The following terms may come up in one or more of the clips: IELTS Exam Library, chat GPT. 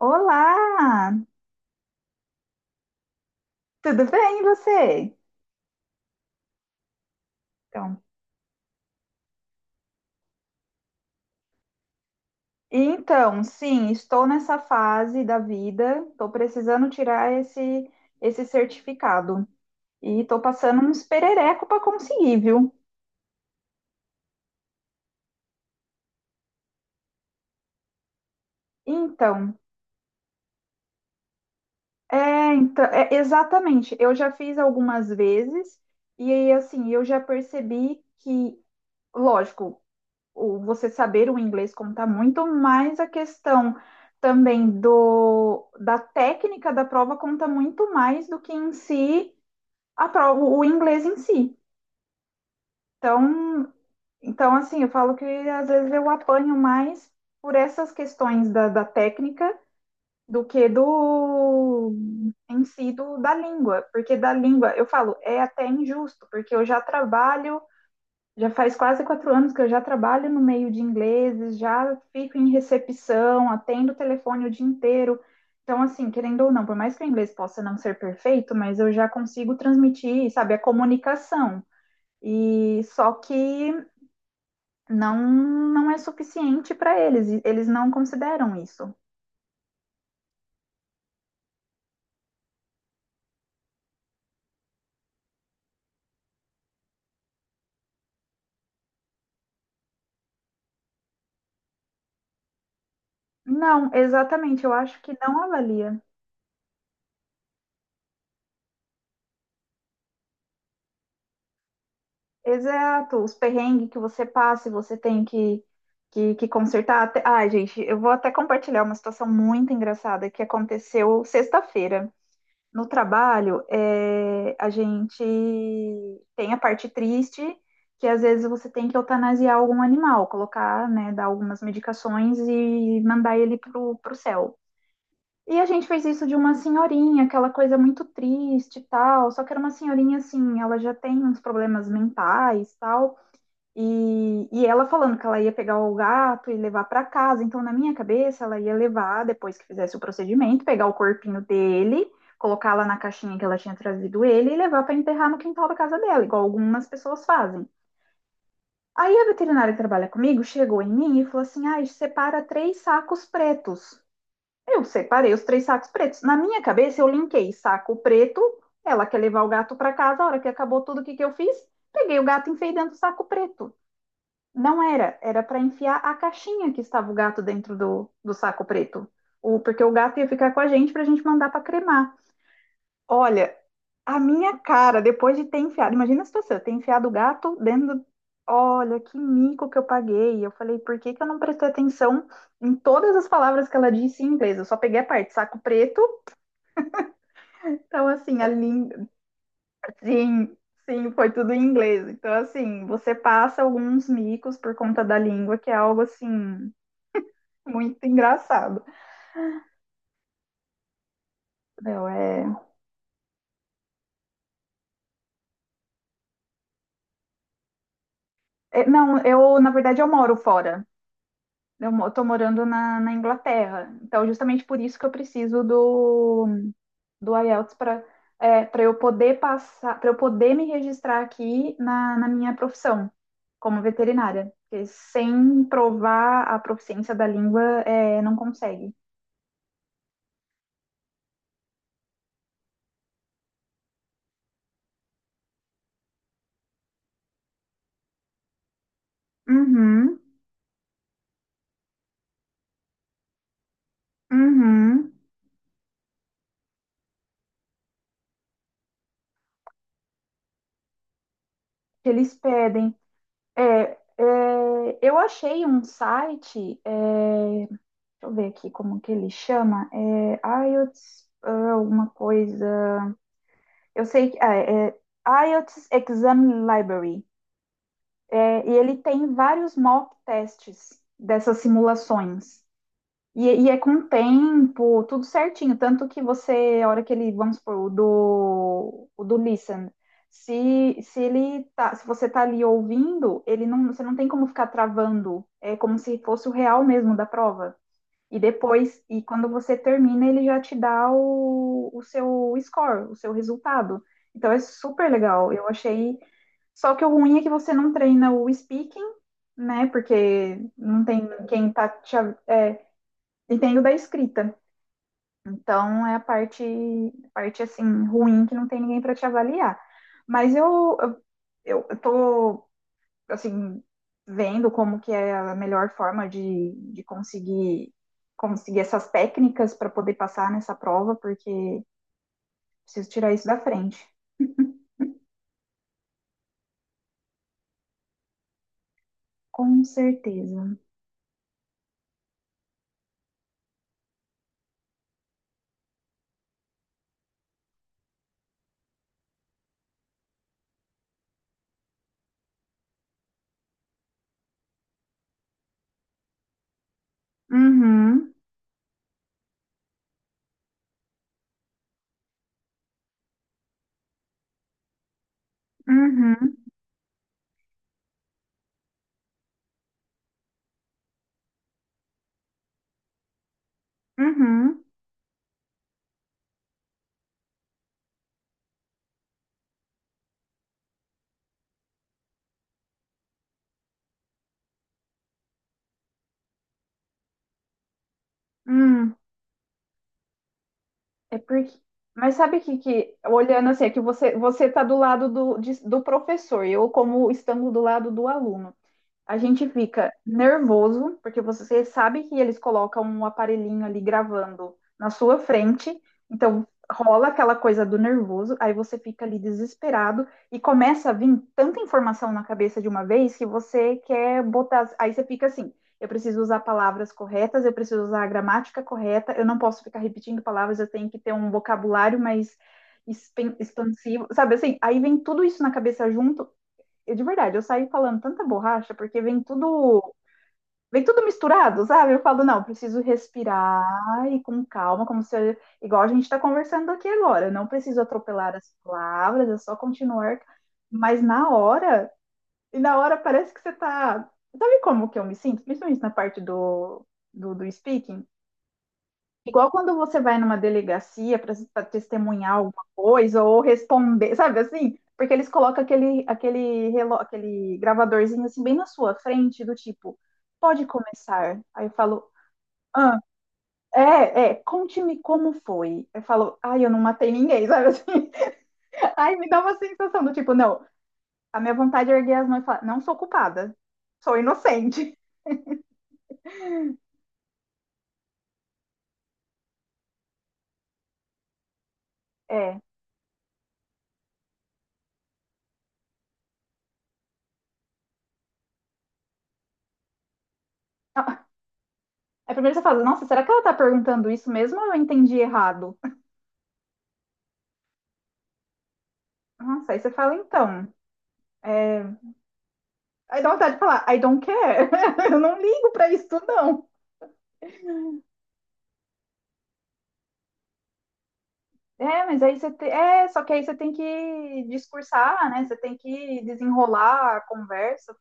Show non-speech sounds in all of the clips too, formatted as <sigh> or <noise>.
Olá, tudo bem e você? Então, então, sim, estou nessa fase da vida, estou precisando tirar esse certificado e estou passando uns perereco para conseguir, viu? Então, então, exatamente. Eu já fiz algumas vezes e aí, assim, eu já percebi que, lógico, o você saber o inglês conta muito, mas a questão também do da técnica da prova conta muito mais do que em si a prova, o inglês em si. Então, então, assim, eu falo que às vezes eu apanho mais por essas questões da técnica do que do em si da língua, porque da língua eu falo é até injusto, porque eu já trabalho Já faz quase 4 anos que eu já trabalho no meio de ingleses, já fico em recepção, atendo o telefone o dia inteiro. Então, assim, querendo ou não, por mais que o inglês possa não ser perfeito, mas eu já consigo transmitir, sabe, a comunicação. E só que não não é suficiente para eles, e eles não consideram isso. Não, exatamente, eu acho que não avalia. Exato, os perrengues que você passa e você tem que consertar. Ai, gente, eu vou até compartilhar uma situação muito engraçada que aconteceu sexta-feira. No trabalho, a gente tem a parte triste, que às vezes você tem que eutanasiar algum animal, colocar, né, dar algumas medicações e mandar ele pro céu. E a gente fez isso de uma senhorinha, aquela coisa muito triste e tal, só que era uma senhorinha assim, ela já tem uns problemas mentais e tal e ela falando que ela ia pegar o gato e levar para casa. Então, na minha cabeça, ela ia levar, depois que fizesse o procedimento, pegar o corpinho dele, colocar lá na caixinha que ela tinha trazido ele e levar para enterrar no quintal da casa dela, igual algumas pessoas fazem. Aí a veterinária que trabalha comigo chegou em mim e falou assim: ah, separa três sacos pretos. Eu separei os três sacos pretos. Na minha cabeça, eu linkei saco preto, ela quer levar o gato para casa. A hora que acabou tudo, o que eu fiz? Peguei o gato e enfiei dentro do saco preto. Não era, era para enfiar a caixinha que estava o gato dentro do saco preto. Porque o gato ia ficar com a gente para a gente mandar para cremar. Olha, a minha cara, depois de ter enfiado, imagina a situação, eu ter enfiado o gato dentro do. Olha, que mico que eu paguei. Eu falei, por que que eu não prestei atenção em todas as palavras que ela disse em inglês? Eu só peguei a parte saco preto. Então, assim, a língua. Sim, sim, foi tudo em inglês. Então, assim, você passa alguns micos por conta da língua, que é algo assim muito engraçado. Não, não, eu, na verdade, eu moro fora. Tô morando na Inglaterra. Então, justamente por isso que eu preciso do IELTS para eu poder passar, para eu poder me registrar aqui na minha profissão como veterinária. Porque sem provar a proficiência da língua, não consegue. Uhum, uhum. Que eles pedem. É, é, eu achei um site. Deixa eu ver aqui como que ele chama. É IELTS, ah, alguma coisa. Eu sei que. Ah, é IELTS Exam Library. É, e ele tem vários mock tests dessas simulações. E é com tempo, tudo certinho. Tanto que você, a hora que ele, vamos supor, o do Listen, se ele tá, se você tá ali ouvindo, ele não, você não tem como ficar travando. É como se fosse o real mesmo da prova. E depois, e quando você termina, ele já te dá o seu score, o seu resultado. Então é super legal. Eu achei. Só que o ruim é que você não treina o speaking, né? Porque não tem quem tá te entendo da escrita. Então é a parte assim ruim que não tem ninguém para te avaliar. Mas eu tô assim, vendo como que é a melhor forma de conseguir essas técnicas para poder passar nessa prova, porque preciso tirar isso da frente. Com certeza. Uhum, uhum, uhum, hum. É porque. Mas sabe que olhando assim, é que você tá do lado do professor, eu como estando do lado do aluno. A gente fica nervoso, porque você sabe que eles colocam um aparelhinho ali gravando na sua frente, então rola aquela coisa do nervoso, aí você fica ali desesperado e começa a vir tanta informação na cabeça de uma vez que você quer botar. Aí você fica assim: eu preciso usar palavras corretas, eu preciso usar a gramática correta, eu não posso ficar repetindo palavras, eu tenho que ter um vocabulário mais expansivo, sabe assim? Aí vem tudo isso na cabeça junto eu, de verdade, eu saí falando tanta borracha porque vem tudo misturado, sabe? Eu falo, não, preciso respirar e com calma, como se eu- igual a gente está conversando aqui agora, não preciso atropelar as palavras, é só continuar, mas na hora parece que você tá, sabe como que eu me sinto? Principalmente na parte do speaking. Igual quando você vai numa delegacia para testemunhar alguma coisa ou responder, sabe assim? Porque eles colocam aquele gravadorzinho assim bem na sua frente, do tipo, pode começar. Aí eu falo, ah, é, conte-me como foi. Eu falo, ai, eu não matei ninguém, sabe assim? <laughs> Aí me dá uma sensação do tipo, não, a minha vontade é erguer as mãos e falar, não sou culpada, sou inocente. É. Ah, aí primeiro você fala, nossa, será que ela tá perguntando isso mesmo ou eu entendi errado? Nossa, aí você fala, então, é... aí dá vontade de falar, I don't care, <laughs> eu não ligo pra isso, não. É, mas aí só que aí você tem que discursar, né? Você tem que desenrolar a conversa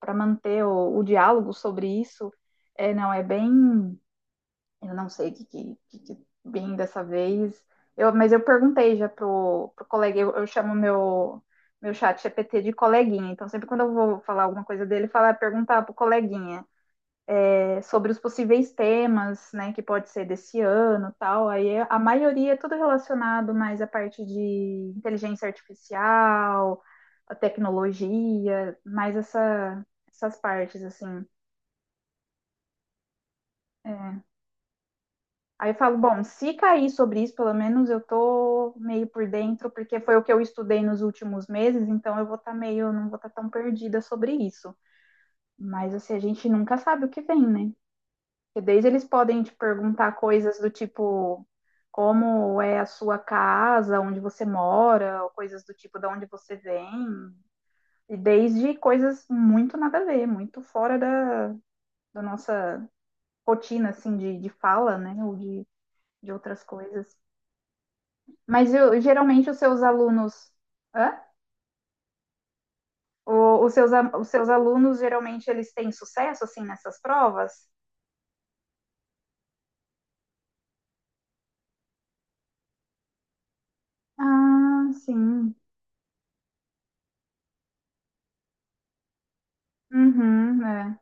para manter o diálogo sobre isso. É, não, é bem, eu não sei o que, bem dessa vez. Mas eu perguntei já pro colega, eu chamo meu chat GPT de coleguinha. Então sempre quando eu vou falar alguma coisa dele, falar perguntar pro coleguinha. Sobre os possíveis temas, né, que pode ser desse ano, e tal. Aí a maioria é tudo relacionado mais à parte de inteligência artificial, a tecnologia, mais essa, essas partes assim. É. Aí eu falo, bom, se cair sobre isso, pelo menos eu tô meio por dentro, porque foi o que eu estudei nos últimos meses, então eu vou estar tá meio, não vou estar tá tão perdida sobre isso. Mas assim, a gente nunca sabe o que vem, né? Porque desde eles podem te perguntar coisas do tipo como é a sua casa, onde você mora, ou coisas do tipo de onde você vem, e desde coisas muito nada a ver, muito fora da nossa rotina assim de fala, né? Ou de outras coisas. Geralmente os seus alunos. Hã? Os seus alunos geralmente eles têm sucesso assim nessas provas? Ah, sim. Uhum, é.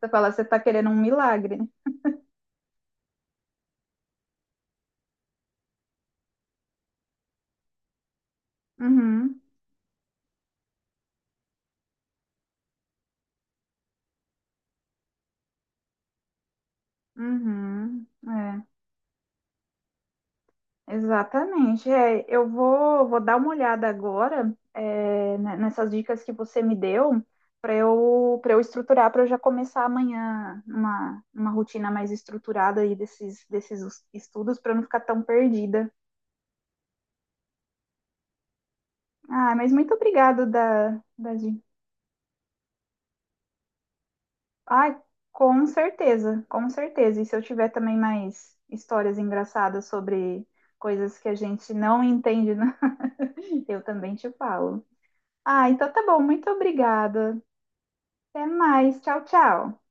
Você fala, você está querendo um milagre. Uhum, uhum, é, exatamente. É, eu vou dar uma olhada agora, nessas dicas que você me deu para eu estruturar, para eu já começar amanhã uma rotina mais estruturada aí desses estudos para não ficar tão perdida. Ah, mas muito obrigado da. Ai, com certeza, com certeza. E se eu tiver também mais histórias engraçadas sobre coisas que a gente não entende, né? <laughs> Eu também te falo. Ah, então tá bom. Muito obrigada. Até mais. Tchau, tchau.